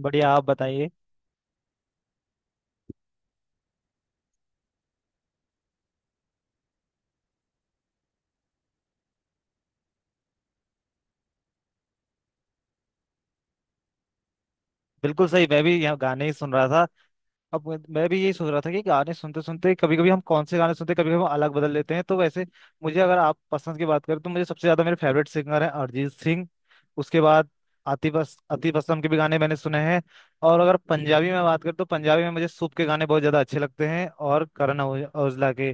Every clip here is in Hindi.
बढ़िया आप बताइए। बिल्कुल सही, मैं भी यहाँ गाने ही सुन रहा था। अब मैं भी यही सोच रहा था कि गाने सुनते सुनते कभी कभी हम कौन से गाने सुनते हैं, कभी कभी हम अलग बदल लेते हैं तो वैसे मुझे अगर आप पसंद की बात करें तो मुझे सबसे ज्यादा मेरे फेवरेट सिंगर है अरिजीत सिंह। उसके बाद आतिफ असलम के भी गाने मैंने सुने हैं। और अगर पंजाबी में बात करें तो पंजाबी में मुझे सूप के गाने बहुत ज्यादा अच्छे लगते हैं और करण औजला के।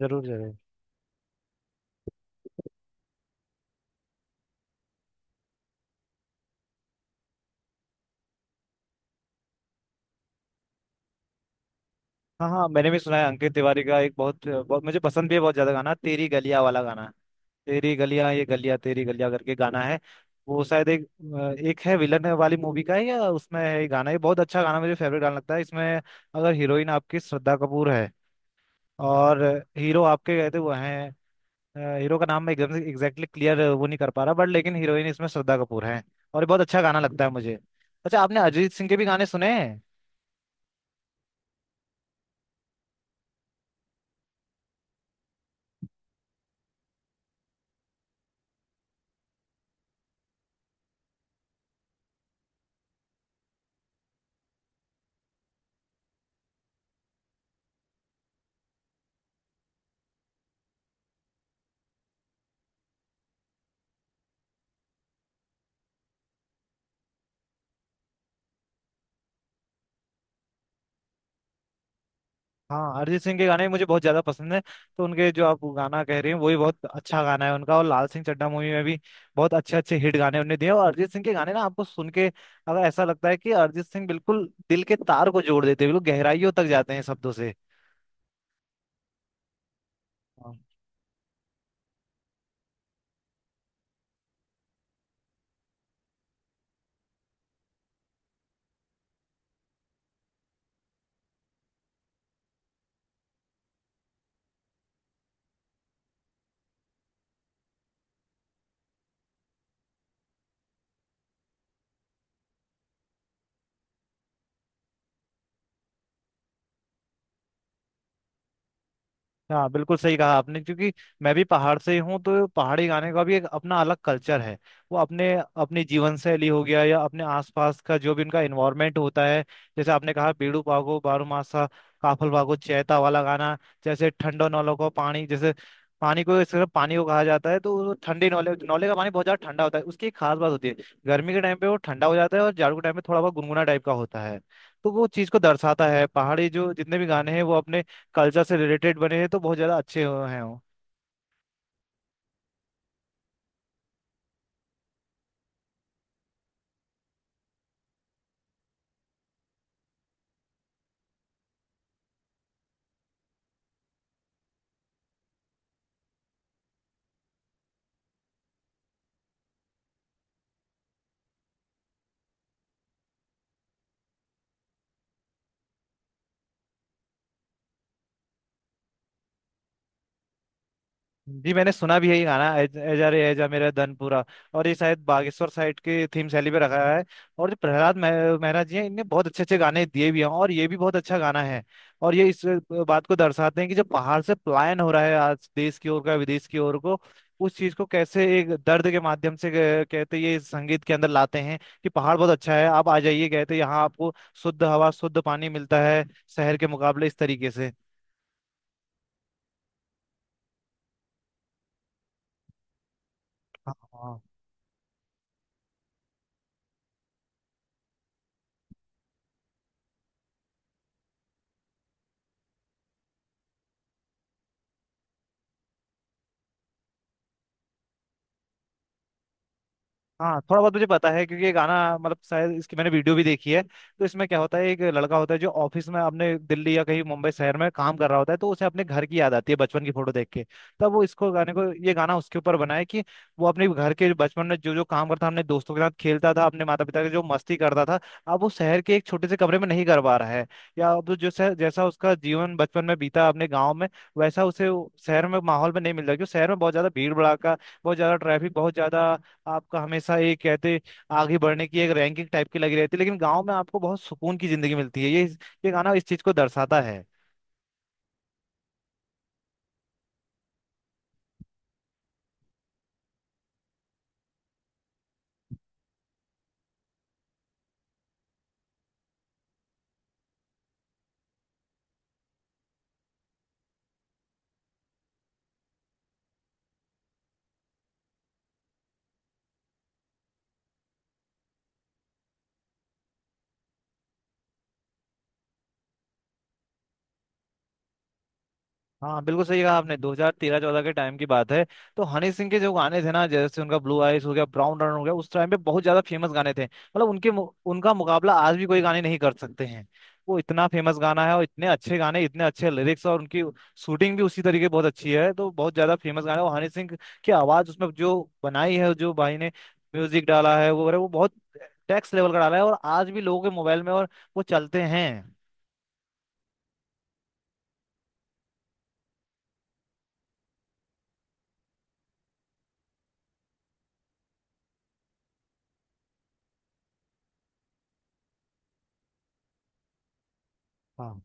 जरूर जरूर। हाँ हाँ, मैंने भी सुना है अंकित तिवारी का एक बहुत बहुत मुझे पसंद भी है बहुत ज्यादा गाना, तेरी गलियां वाला गाना। तेरी गलियां, ये गलियां तेरी गलियां करके गाना है। वो शायद एक एक है विलन वाली मूवी का है, या उसमें है ये गाना। ये बहुत अच्छा गाना, मुझे फेवरेट गाना लगता है इसमें। अगर हीरोइन आपकी श्रद्धा कपूर है और हीरो आपके कहते वो हैं। हीरो का नाम मैं एकदम से एग्जैक्टली क्लियर वो नहीं कर पा रहा बट लेकिन हीरोइन इसमें श्रद्धा कपूर है। और ये बहुत अच्छा गाना लगता है मुझे। अच्छा, आपने अरिजीत सिंह के भी गाने सुने हैं? हाँ, अरिजीत सिंह के गाने मुझे बहुत ज्यादा पसंद है, तो उनके जो आप गाना कह रहे हैं वही बहुत अच्छा गाना है उनका। और लाल सिंह चड्ढा मूवी में भी बहुत अच्छे अच्छे हिट गाने उन्होंने दिए हैं। और अरिजीत सिंह के गाने ना आपको सुन के अगर ऐसा लगता है कि अरिजीत सिंह बिल्कुल दिल के तार को जोड़ देते हैं, बिल्कुल गहराइयों तक जाते हैं शब्दों से। हाँ बिल्कुल सही कहा आपने, क्योंकि मैं भी पहाड़ से ही हूँ तो पहाड़ी गाने का भी एक अपना अलग कल्चर है। वो अपने अपनी जीवन शैली हो गया, या अपने आसपास का जो भी उनका इन्वायरमेंट होता है। जैसे आपने कहा बीड़ू पागो बारूमासा, काफल बागो चैता वाला गाना। जैसे ठंडो नौलों को पानी, जैसे पानी को सिर्फ पानी को कहा जाता है, तो वो ठंडे नौले नौले का पानी बहुत ज्यादा ठंडा होता है, उसकी एक खास बात होती है। गर्मी के टाइम पे वो ठंडा हो जाता है और जाड़ों के टाइम पे थोड़ा बहुत गुनगुना टाइप का होता है। तो वो चीज को दर्शाता है, पहाड़ी जो जितने भी गाने हैं वो अपने कल्चर से रिलेटेड बने हैं, तो बहुत ज़्यादा अच्छे हुए हैं वो। जी, मैंने सुना भी है ये गाना, एजा रे एजा मेरा धनपुरा। और ये शायद बागेश्वर साइड के थीम शैली पे रखा है। और जो प्रहलाद मेहरा जी हैं, इनने बहुत अच्छे अच्छे गाने दिए भी हैं और ये भी बहुत अच्छा गाना है। और ये इस बात को दर्शाते हैं कि जब पहाड़ से पलायन हो रहा है आज देश की ओर का, विदेश की ओर को, उस चीज को कैसे एक दर्द के माध्यम से कहते ये इस संगीत के अंदर लाते हैं, कि पहाड़ बहुत अच्छा है, आप आ जाइए कहते, यहाँ आपको शुद्ध हवा शुद्ध पानी मिलता है शहर के मुकाबले इस तरीके से। हाँ हाँ, थोड़ा बहुत मुझे पता है क्योंकि ये गाना, मतलब शायद इसकी मैंने वीडियो भी देखी है। तो इसमें क्या होता है, एक लड़का होता है जो ऑफिस में अपने दिल्ली या कहीं मुंबई शहर में काम कर रहा होता है, तो उसे अपने घर की याद आती है बचपन की फोटो देख के। तब वो इसको गाने को, ये गाना उसके ऊपर बना है कि वो अपने घर के बचपन में जो जो काम करता था, अपने दोस्तों के साथ खेलता था, अपने माता पिता के जो मस्ती करता था, अब वो शहर के एक छोटे से कमरे में नहीं कर पा रहा है। या अब जो जैसा उसका जीवन बचपन में बीता अपने गाँव में, वैसा उसे वो शहर में, माहौल में नहीं मिल रहा, क्योंकि शहर में बहुत ज्यादा भीड़ भड़ाका, बहुत ज्यादा ट्रैफिक, बहुत ज्यादा आपका हमेशा ये कहते आगे बढ़ने की एक रैंकिंग टाइप की लगी रहती है, लेकिन गाँव में आपको बहुत सुकून की जिंदगी मिलती है, ये गाना इस चीज को दर्शाता है। हाँ बिल्कुल सही कहा आपने, 2013-14 के टाइम की बात है। तो हनी सिंह के जो गाने थे ना, जैसे उनका ब्लू आइज हो गया, ब्राउन रन हो गया, उस टाइम पे बहुत ज्यादा फेमस गाने थे, मतलब उनके उनका मुकाबला आज भी कोई गाने नहीं कर सकते हैं। वो इतना फेमस गाना है, और इतने अच्छे गाने, इतने अच्छे लिरिक्स, और उनकी शूटिंग भी उसी तरीके बहुत अच्छी है, तो बहुत ज्यादा फेमस गाना है। और हनी सिंह की आवाज उसमें जो बनाई है, जो भाई ने म्यूजिक डाला है, वो बहुत टैक्स लेवल का डाला है, और आज भी लोगों के मोबाइल में और वो चलते हैं। हाँ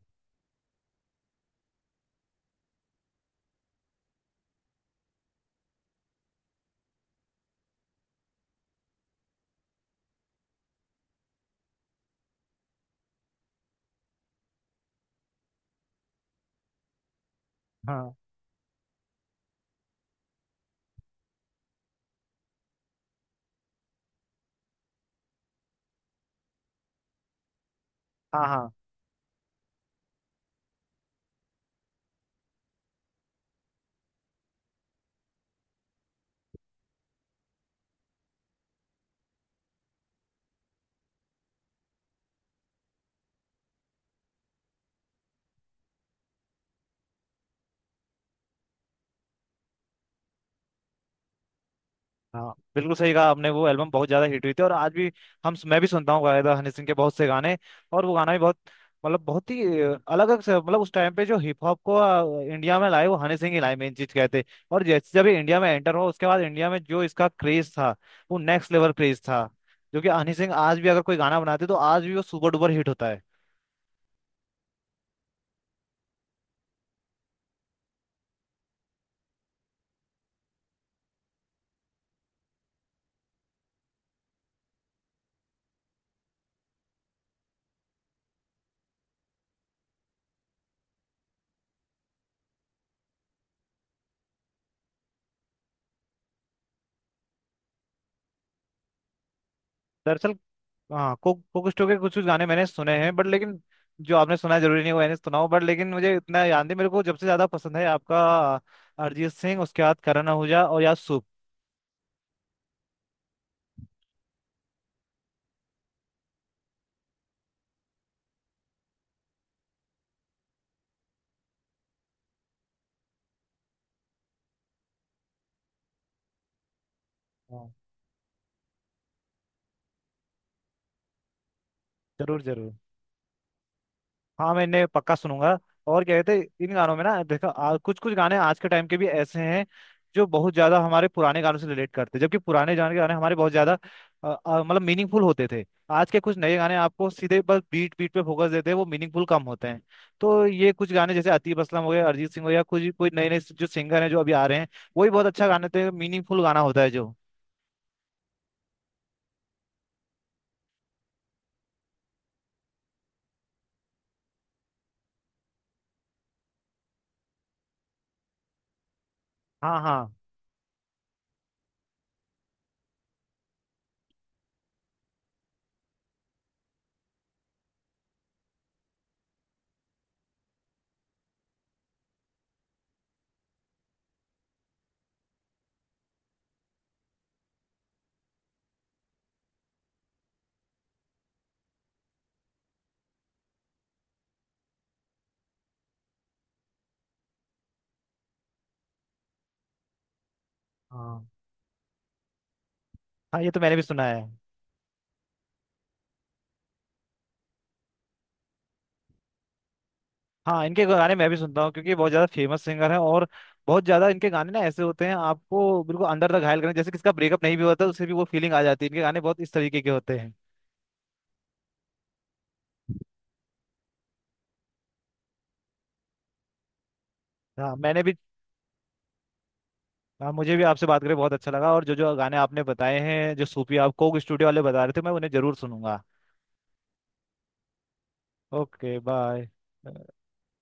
हाँ हाँ हाँ। हाँ बिल्कुल सही कहा आपने, वो एल्बम बहुत ज्यादा हिट हुई थी, और आज भी हम, मैं भी सुनता हूँ गायदा हनी सिंह के बहुत से गाने। और वो गाना भी बहुत, मतलब बहुत ही अलग अलग मतलब उस टाइम पे जो हिप हॉप को इंडिया में लाए, वो हनी सिंह ही लाए मेन चीज कहते। और जैसे जब ये इंडिया में एंटर हुआ, उसके बाद इंडिया में जो इसका क्रेज था, वो नेक्स्ट लेवल क्रेज था, जो कि हनी सिंह आज भी अगर कोई गाना बनाते तो आज भी वो सुपर डुपर हिट होता है। दरअसल, हाँ, कोक कोक स्टू के कुछ कुछ गाने मैंने सुने हैं बट लेकिन जो आपने सुना है जरूरी नहीं वो मैंने सुना हो, बट लेकिन मुझे इतना याद नहीं, मेरे को जब से ज्यादा पसंद है आपका अरिजीत सिंह, उसके बाद करण आहूजा और याद सूप। हाँ, जरूर जरूर। हाँ, मैं इन्हें पक्का सुनूंगा। और क्या कहते हैं, इन गानों में ना, देखो कुछ कुछ गाने आज के टाइम के भी ऐसे हैं जो बहुत ज्यादा हमारे पुराने गानों से रिलेट करते हैं, जबकि पुराने गाने, के गाने हमारे बहुत ज्यादा मतलब मीनिंगफुल होते थे। आज के कुछ नए गाने आपको सीधे बस बीट बीट पे फोकस देते हैं, वो मीनिंगफुल कम होते हैं। तो ये कुछ गाने, जैसे आतिफ असलम हो गए, अरिजीत सिंह हो गया, कुछ कोई नए नए जो सिंगर हैं जो अभी आ रहे हैं, वही बहुत अच्छा गाने थे, मीनिंगफुल गाना होता है जो। हाँ हाँ हाँ हाँ, ये तो मैंने भी सुना है। हाँ, इनके गाने मैं भी सुनता हूँ क्योंकि ये बहुत ज्यादा फेमस सिंगर हैं, और बहुत ज्यादा इनके गाने ना ऐसे होते हैं, आपको बिल्कुल अंदर तक घायल करें, जैसे किसका ब्रेकअप नहीं भी होता उससे भी वो फीलिंग आ जाती है, इनके गाने बहुत इस तरीके के होते हैं। हाँ, मैंने भी। हाँ, मुझे भी आपसे बात करके बहुत अच्छा लगा, और जो जो गाने आपने बताए हैं, जो सूफी, आप कोक स्टूडियो वाले बता रहे थे, मैं उन्हें जरूर सुनूंगा। Okay, bye.